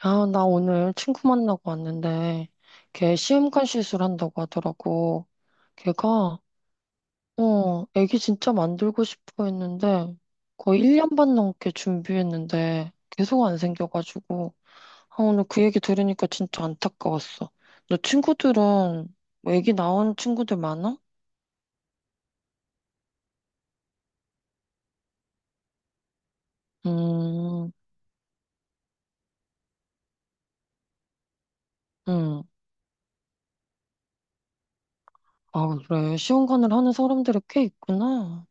아, 나 오늘 친구 만나고 왔는데, 걔 시험관 시술한다고 하더라고. 걔가, 어, 애기 진짜 만들고 싶어 했는데, 거의 1년 반 넘게 준비했는데, 계속 안 생겨가지고, 아, 오늘 그 얘기 들으니까 진짜 안타까웠어. 너 친구들은, 뭐 애기 낳은 친구들 많아? 음, 음. 아, 그래. 시험관을 하는 사람들이 꽤 있구나.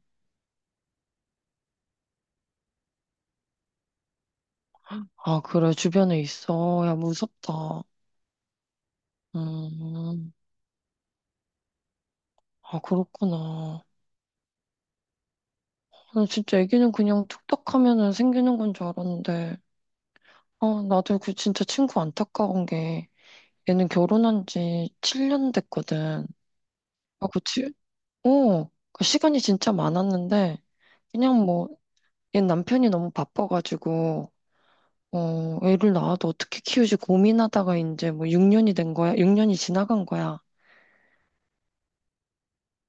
아, 그래. 주변에 있어. 야, 무섭다. 음. 아, 그렇구나. 나는 진짜 애기는 그냥 툭딱 하면은 생기는 건 줄 알았는데, 아, 나도 그 진짜 친구 안타까운 게, 얘는 결혼한 지 7년 됐거든. 아, 그치? 어, 그 시간이 진짜 많았는데, 그냥 뭐, 얘 남편이 너무 바빠가지고, 어, 애를 낳아도 어떻게 키우지 고민하다가 이제 뭐 6년이 된 거야? 6년이 지나간 거야.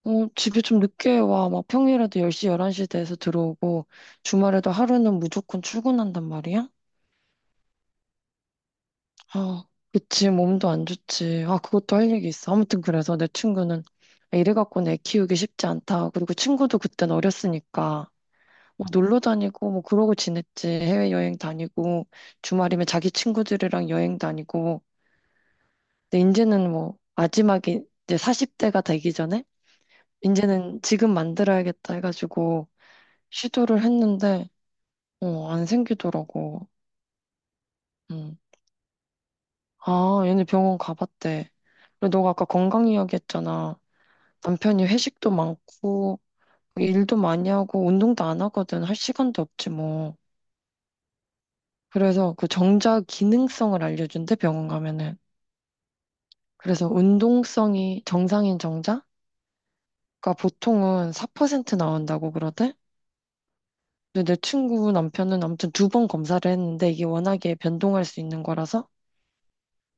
어, 집에 좀 늦게 와. 막 평일에도 10시, 11시 돼서 들어오고, 주말에도 하루는 무조건 출근한단 말이야? 아, 그치, 몸도 안 좋지. 아, 그것도 할 얘기 있어. 아무튼 그래서 내 친구는 이래 갖고는 애 키우기 쉽지 않다. 그리고 친구도 그땐 어렸으니까 뭐 놀러 다니고 뭐 그러고 지냈지. 해외여행 다니고 주말이면 자기 친구들이랑 여행 다니고. 근데 이제는 뭐 마지막에 이제 40대가 되기 전에 이제는 지금 만들어야겠다 해가지고 시도를 했는데 어, 안 생기더라고. 음. 아, 얘네 병원 가봤대. 그리고 너가 아까 건강 이야기 했잖아. 남편이 회식도 많고 일도 많이 하고 운동도 안 하거든. 할 시간도 없지 뭐. 그래서 그 정자 기능성을 알려준대 병원 가면은. 그래서 운동성이 정상인 정자가 보통은 4% 나온다고 그러대. 근데 내 친구 남편은 아무튼 2번 검사를 했는데 이게 워낙에 변동할 수 있는 거라서.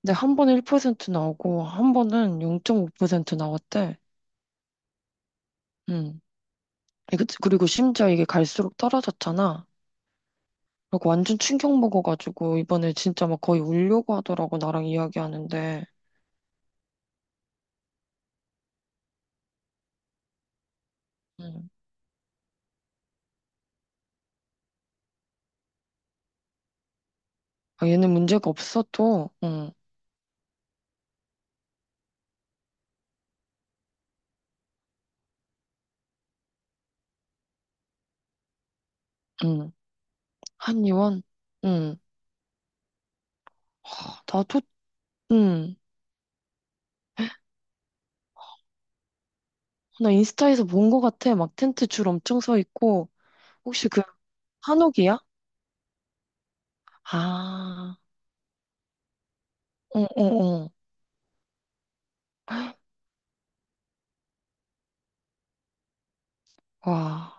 근데 한 번은 1% 나오고 한 번은 0.5% 나왔대. 음. 그리고 심지어 이게 갈수록 떨어졌잖아. 그리고 완전 충격 먹어가지고 이번에 진짜 막 거의 울려고 하더라고 나랑 이야기하는데. 응. 아, 얘는 문제가 없어도. 응. 응. 한의원. 응. 하, 나도. 응. 나 인스타에서 본 거 같아. 막 텐트 줄 엄청 서 있고. 혹시 그 한옥이야? 아. 어, 어, 어. 와.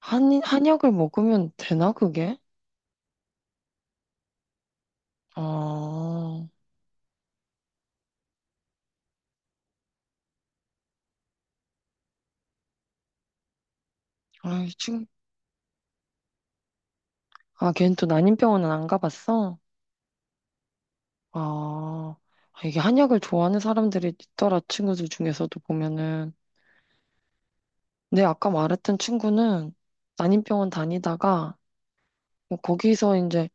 한 한약을 먹으면 되나 그게? 아. 아이, 지금. 아, 걔는 또 난임병원은 안 가봤어? 아, 아, 이게 한약을 좋아하는 사람들이 있더라, 친구들 중에서도 보면은. 근데 아까 말했던 친구는 난임병원 다니다가 뭐 거기서 이제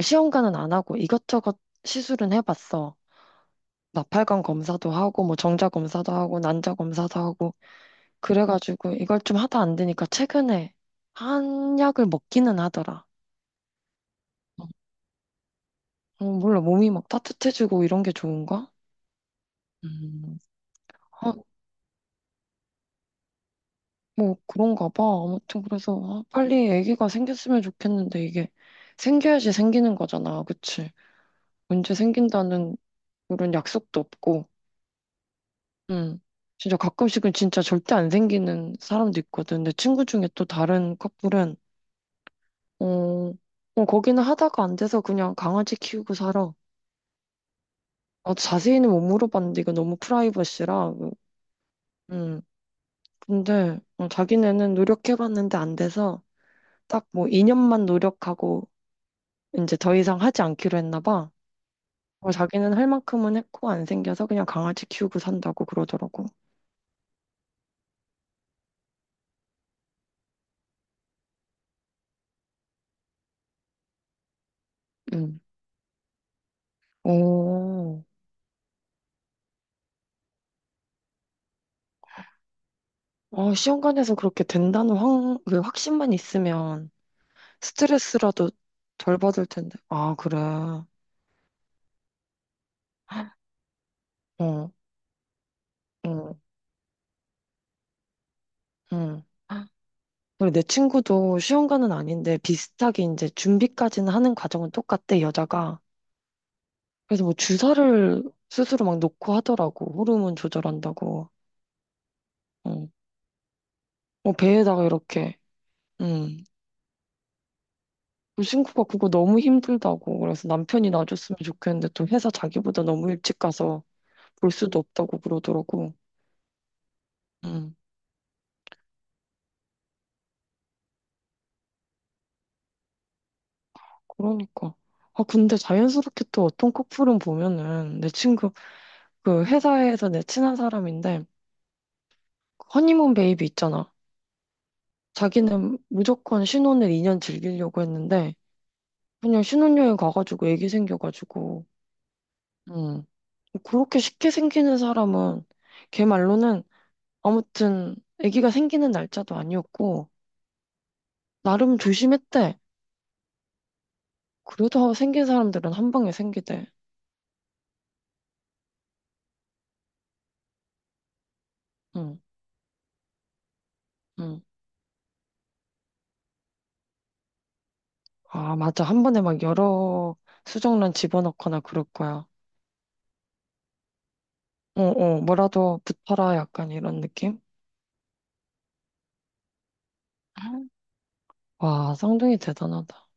시험관은 안 하고 이것저것 시술은 해봤어. 나팔관 검사도 하고 뭐 정자 검사도 하고 난자 검사도 하고 그래가지고 이걸 좀 하다 안 되니까 최근에 한약을 먹기는 하더라. 어, 몰라 몸이 막 따뜻해지고 이런 게 좋은가? 음. 뭐 그런가 봐. 아무튼 그래서 아, 빨리 아기가 생겼으면 좋겠는데 이게 생겨야지 생기는 거잖아. 그치? 언제 생긴다는 그런 약속도 없고. 음. 진짜 가끔씩은 진짜 절대 안 생기는 사람도 있거든. 내 친구 중에 또 다른 커플은 어, 어 거기는 하다가 안 돼서 그냥 강아지 키우고 살아. 아, 자세히는 못 물어봤는데 이거 너무 프라이버시라. 음. 근데 어, 자기네는 노력해봤는데 안 돼서 딱 뭐 2년만 노력하고 이제 더 이상 하지 않기로 했나 봐. 어, 자기는 할 만큼은 했고 안 생겨서 그냥 강아지 키우고 산다고 그러더라고. 음. 오. 어, 시험관에서 그렇게 된다는 확, 그 확신만 있으면 스트레스라도 덜 받을 텐데. 아, 그래. 어, 응, 응. 그리고 내 친구도 시험관은 아닌데 비슷하게 이제 준비까지는 하는 과정은 똑같대, 여자가. 그래서 뭐 주사를 스스로 막 놓고 하더라고. 호르몬 조절한다고. 어, 어, 배에다가 이렇게. 음. 친구가 그거 너무 힘들다고 그래서 남편이 놔줬으면 좋겠는데 또 회사 자기보다 너무 일찍 가서 볼 수도 없다고 그러더라고. 음. 그러니까. 아 근데 자연스럽게 또 어떤 커플은 보면은 내 친구 그 회사에서 내 친한 사람인데 그 허니문 베이비 있잖아. 자기는 무조건 신혼을 2년 즐기려고 했는데 그냥 신혼여행 가가지고 애기 생겨가지고. 음. 그렇게 쉽게 생기는 사람은 걔 말로는 아무튼 아기가 생기는 날짜도 아니었고 나름 조심했대. 그래도 생긴 사람들은 한 방에 생기대. 응, 응. 아, 맞아. 1번에 막 여러 수정란 집어넣거나 그럴 거야. 어, 어, 뭐라도 붙어라 약간 이런 느낌? 아, 와, 쌍둥이 대단하다.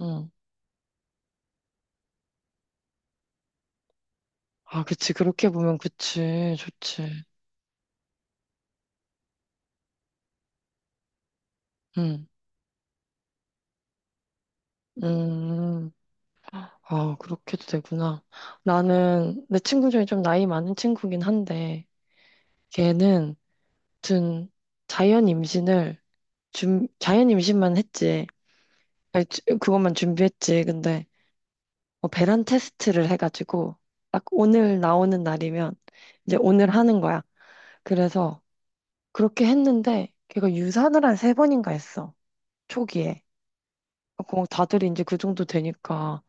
응. 아, 그치. 그렇게 보면 그치. 좋지. 응. 음. 아, 그렇게도 되구나. 나는 내 친구 중에 좀 나이 많은 친구긴 한데, 걔는 아무튼 자연 임신을 준 자연 임신만 했지. 아니, 그것만 준비했지. 근데 뭐 배란 테스트를 해가지고 딱 오늘 나오는 날이면 이제 오늘 하는 거야. 그래서 그렇게 했는데 걔가 유산을 한 세 번인가 했어. 초기에. 그 다들 이제 그 정도 되니까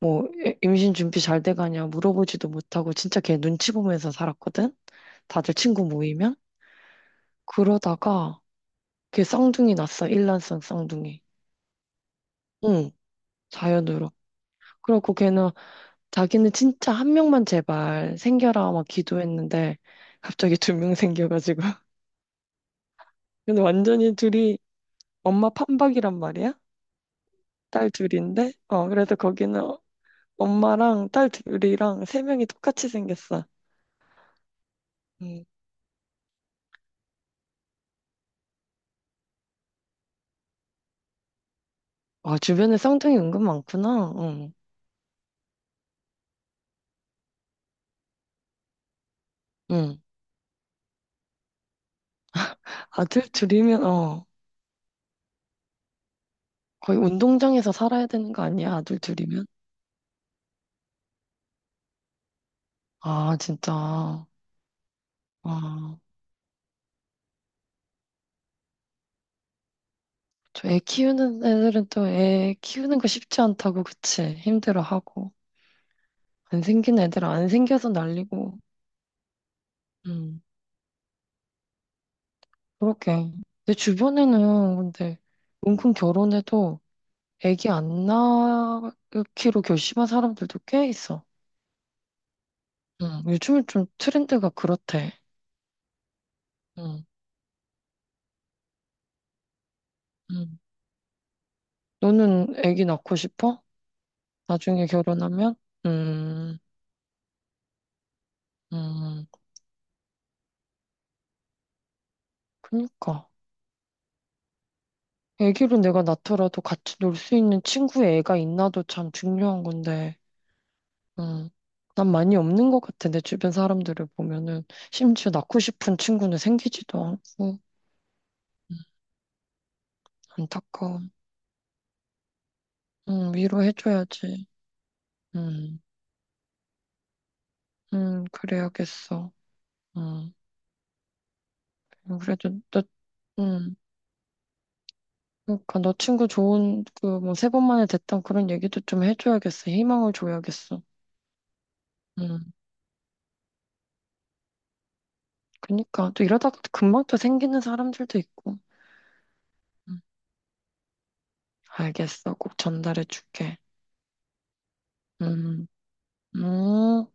뭐 임신 준비 잘 돼가냐 물어보지도 못하고 진짜 걔 눈치 보면서 살았거든. 다들 친구 모이면 그러다가 걔 쌍둥이 났어. 일란성 쌍둥이. 응. 자연으로. 그리고 걔는 자기는 진짜 한 명만 제발 생겨라 막 기도했는데 갑자기 2명 생겨가지고. 근데 완전히 둘이 엄마 판박이란 말이야? 딸 둘인데? 어, 그래서 거기는 엄마랑 딸 둘이랑 3명이 똑같이 생겼어. 음. 아, 주변에 쌍둥이 은근 많구나. 응. 응. 아들 둘이면, 어, 거의 운동장에서 살아야 되는 거 아니야? 아들 둘이면? 아, 진짜. 아. 저 애 키우는 애들은 또 애 키우는 거 쉽지 않다고, 그치? 힘들어하고. 안 생긴 애들은 안 생겨서 난리고. 음, 그렇게. 내 주변에는 근데 은근 결혼해도 애기 안 낳기로 결심한 사람들도 꽤 있어. 요즘은 좀 트렌드가 그렇대. 음, 음. 너는 애기 낳고 싶어? 나중에 결혼하면? 음, 음, 그니까. 애기로 내가 낳더라도 같이 놀 수 있는 친구의 애가 있나도 참 중요한 건데, 음, 난 많이 없는 것 같아. 내 주변 사람들을 보면은, 심지어 낳고 싶은 친구는 생기지도 않고, 음, 안타까워. 위로해줘야지. 음, 그래야겠어. 음, 그래도 너, 음, 그러니까 너 친구 좋은, 그, 뭐, 3번 만에 됐던 그런 얘기도 좀 해줘야겠어. 희망을 줘야겠어. 음, 그니까. 또 이러다가 금방 또 생기는 사람들도 있고. 음, 알겠어. 꼭 전달해 줄게. 음, 음.